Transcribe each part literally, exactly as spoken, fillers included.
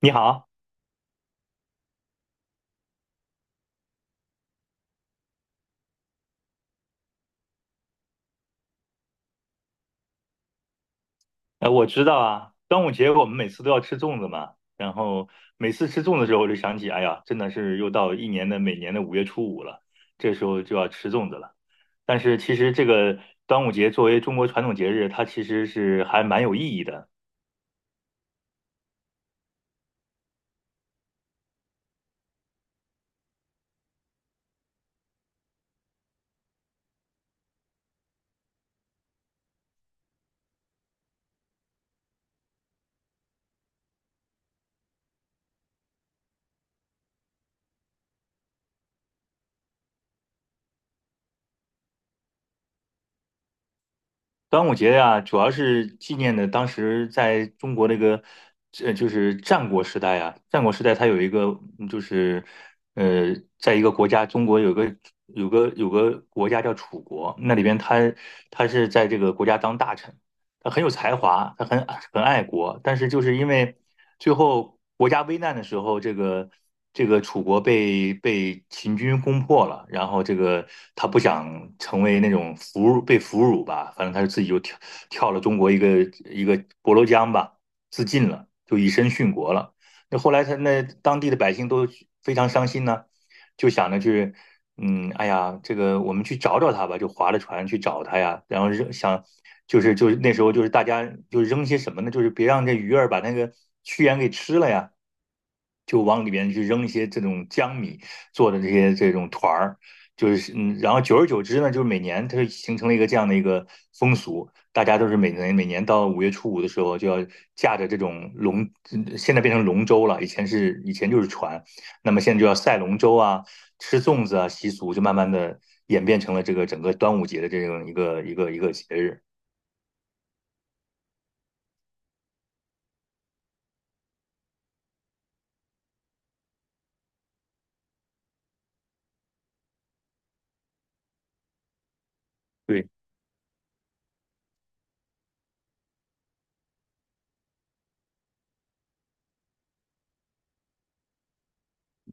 你好，呃，我知道啊，端午节我们每次都要吃粽子嘛，然后每次吃粽子的时候，我就想起，哎呀，真的是又到一年的每年的五月初五了，这时候就要吃粽子了。但是其实这个端午节作为中国传统节日，它其实是还蛮有意义的。端午节呀、主要是纪念的当时在中国那个，呃，就是战国时代啊。战国时代它有一个，嗯就是，呃，在一个国家，中国有个有个有个国家叫楚国，那里边他他是在这个国家当大臣，他很有才华，他很很爱国，但是就是因为最后国家危难的时候，这个这个楚国被被秦军攻破了，然后这个他不想成为那种俘虏被俘虏吧，反正他就自己就跳跳了中国一个一个博罗江吧，自尽了，就以身殉国了。那后来他那当地的百姓都非常伤心呢，就想着去嗯，哎呀，这个我们去找找他吧，就划着船去找他呀。然后扔想，就是就是那时候就是大家就是扔些什么呢？就是别让这鱼儿把那个屈原给吃了呀，就往里边去扔一些这种江米做的这些这种团儿，就是嗯，然后久而久之呢，就是每年它就形成了一个这样的一个风俗，大家都是每年每年到五月初五的时候就要驾着这种龙，嗯现在变成龙舟了，以前是以前就是船。那么现在就要赛龙舟啊、吃粽子啊，习俗就慢慢的演变成了这个整个端午节的这样一个一个一个节日。对，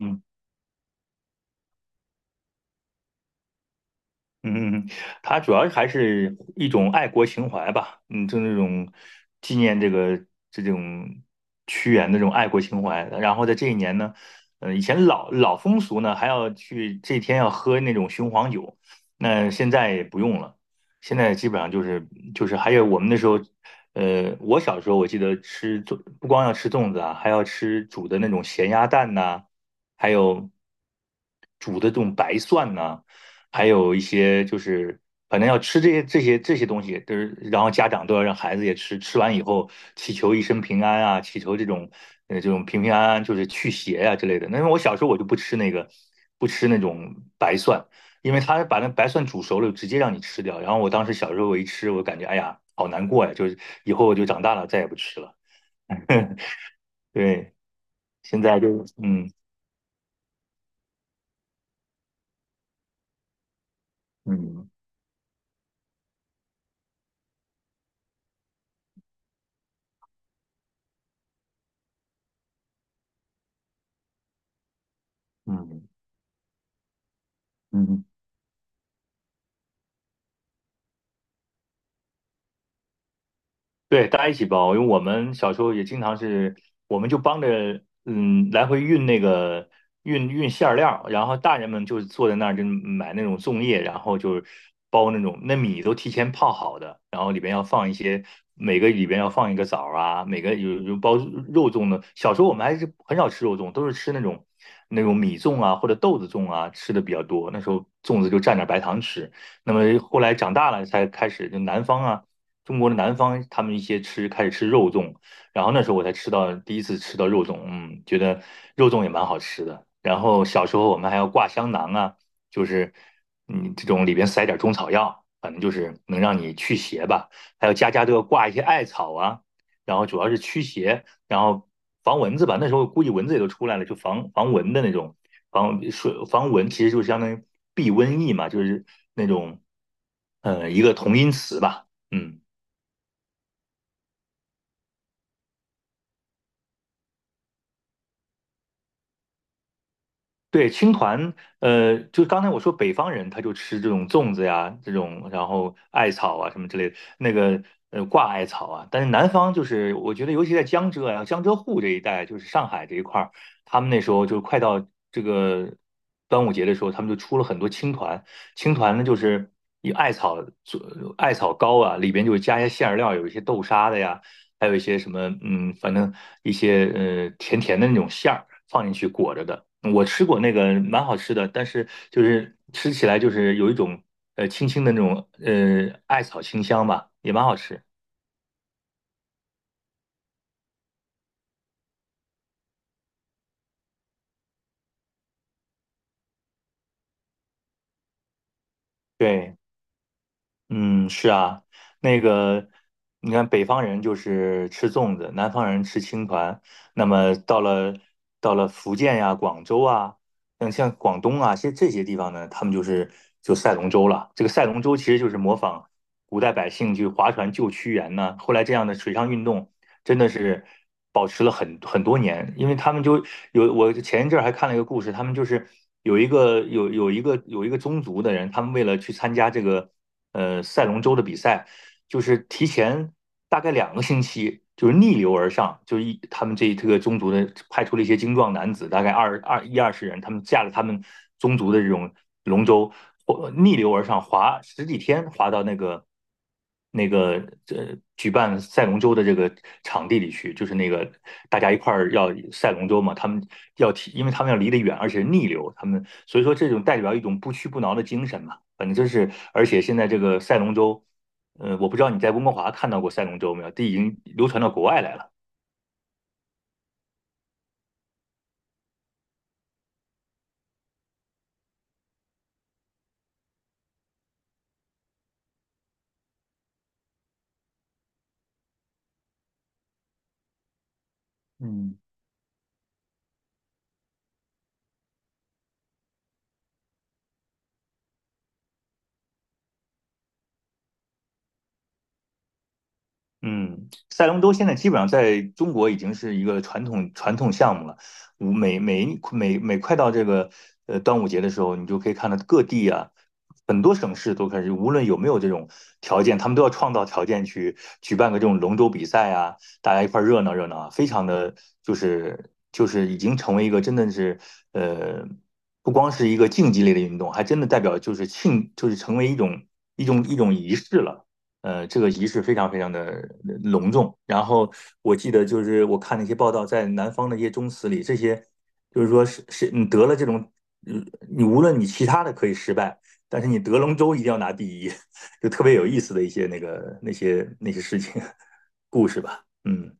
嗯。嗯，嗯它主要还是一种爱国情怀吧，嗯，就那种纪念这个这种屈原的这种爱国情怀。然后在这一年呢，呃，以前老老风俗呢，还要去这天要喝那种雄黄酒，那现在也不用了，现在基本上就是就是还有我们那时候，呃，我小时候我记得吃粽，不光要吃粽子啊，还要吃煮的那种咸鸭蛋呐、还有煮的这种白蒜呐、还有一些就是反正要吃这些这些这些东西，就是然后家长都要让孩子也吃，吃完以后祈求一生平安啊，祈求这种呃这种平平安安，就是去邪啊之类的。那么我小时候我就不吃那个，不吃那种白蒜，因为他把那白蒜煮熟了，直接让你吃掉。然后我当时小时候我一吃，我感觉哎呀好难过呀，就是以后我就长大了再也不吃了。对，现在就嗯嗯嗯嗯。对，大家一起包，因为我们小时候也经常是，我们就帮着嗯来回运那个运运馅儿料，然后大人们就坐在那儿就买那种粽叶，然后就是包那种那米都提前泡好的，然后里边要放一些每个里边要放一个枣儿啊，每个有有包肉粽的。小时候我们还是很少吃肉粽，都是吃那种那种米粽啊或者豆子粽啊吃的比较多，那时候粽子就蘸点白糖吃。那么后来长大了才开始，就南方啊。中国的南方，他们一些吃开始吃肉粽，然后那时候我才吃到第一次吃到肉粽，嗯，觉得肉粽也蛮好吃的。然后小时候我们还要挂香囊啊，就是嗯这种里边塞点中草药，反正就是能让你驱邪吧。还有家家都要挂一些艾草啊，然后主要是驱邪，然后防蚊子吧。那时候估计蚊子也都出来了，就防防蚊的那种防水防蚊，其实就相当于避瘟疫嘛，就是那种呃一个同音词吧，嗯。对，青团，呃，就刚才我说北方人他就吃这种粽子呀，这种然后艾草啊什么之类的，那个呃挂艾草啊，但是南方就是我觉得尤其在江浙啊、江浙沪这一带，就是上海这一块儿，他们那时候就快到这个端午节的时候，他们就出了很多青团，青团呢就是以艾草做艾草糕啊，里边就加一些馅儿料，有一些豆沙的呀。还有一些什么，嗯，反正一些呃甜甜的那种馅儿放进去裹着的。我吃过那个，蛮好吃的，但是就是吃起来就是有一种呃轻轻的那种呃艾草清香吧，也蛮好吃。对。嗯，是啊，那个，你看北方人就是吃粽子，南方人吃青团。那么到了到了福建呀、广州啊，像像广东啊，这这些地方呢，他们就是就赛龙舟了。这个赛龙舟其实就是模仿古代百姓去划船救屈原呢。后来这样的水上运动真的是保持了很很多年，因为他们就有我前一阵儿还看了一个故事，他们就是有一个有有一个有一个宗族的人，他们为了去参加这个呃赛龙舟的比赛，就是提前大概两个星期，就是逆流而上，就是一他们这一这个宗族的派出了一些精壮男子，大概二二一二十人，他们驾着他们宗族的这种龙舟，呃逆流而上，滑十几天，滑到那个那个呃举办赛龙舟的这个场地里去，就是那个大家一块儿要赛龙舟嘛，他们要提，因为他们要离得远，而且逆流，他们所以说这种代表一种不屈不挠的精神嘛，反正就是，而且现在这个赛龙舟，呃，我不知道你在温哥华看到过赛龙舟没有，这已经流传到国外来了。嗯。嗯，赛龙舟现在基本上在中国已经是一个传统传统项目了。五每每每每快到这个呃端午节的时候，你就可以看到各地啊，很多省市都开始，无论有没有这种条件，他们都要创造条件去举办个这种龙舟比赛啊，大家一块儿热闹热闹啊，非常的就是就是已经成为一个真的是呃，不光是一个竞技类的运动，还真的代表就是庆就是成为一种一种一种仪式了。呃，这个仪式非常非常的隆重。然后我记得就是我看那些报道，在南方的一些宗祠里，这些就是说是是你得了这种，嗯你无论你其他的可以失败，但是你得龙舟一定要拿第一，就特别有意思的一些那个那些那些事情 故事吧。嗯。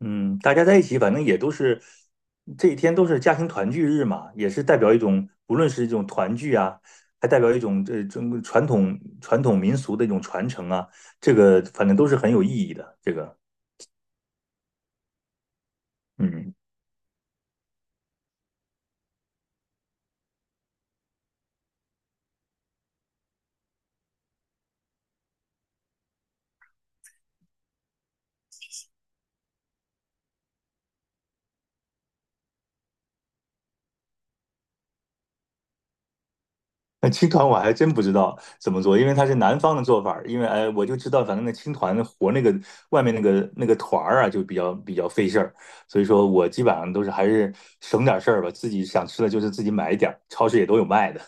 嗯，大家在一起，反正也都是这一天都是家庭团聚日嘛，也是代表一种，无论是一种团聚啊，还代表一种这中国传统传统民俗的一种传承啊，这个反正都是很有意义的。这个，嗯，那青团我还真不知道怎么做，因为它是南方的做法儿因为哎，我就知道反正那青团和那个外面那个那个团儿啊，就比较比较费事儿，所以说我基本上都是还是省点儿事儿吧，自己想吃的就是自己买一点儿，超市也都有卖的。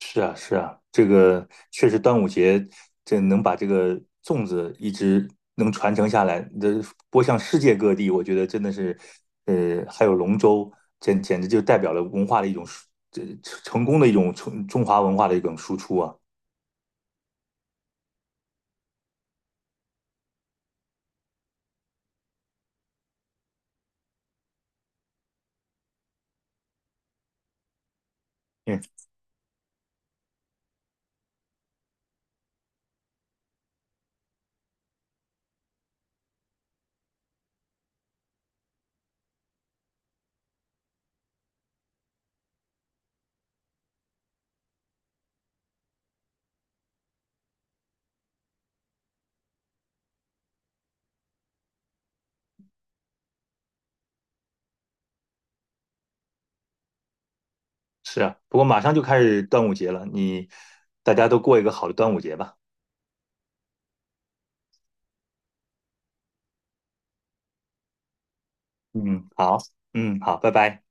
是啊，是啊，这个确实端午节这能把这个粽子一直能传承下来，这播向世界各地，我觉得真的是，呃，还有龙舟，简简直就代表了文化的一种输这成功的一种中中华文化的一种输出啊。嗯，是啊，不过马上就开始端午节了，你大家都过一个好的端午节吧。嗯，好，嗯，好，拜拜。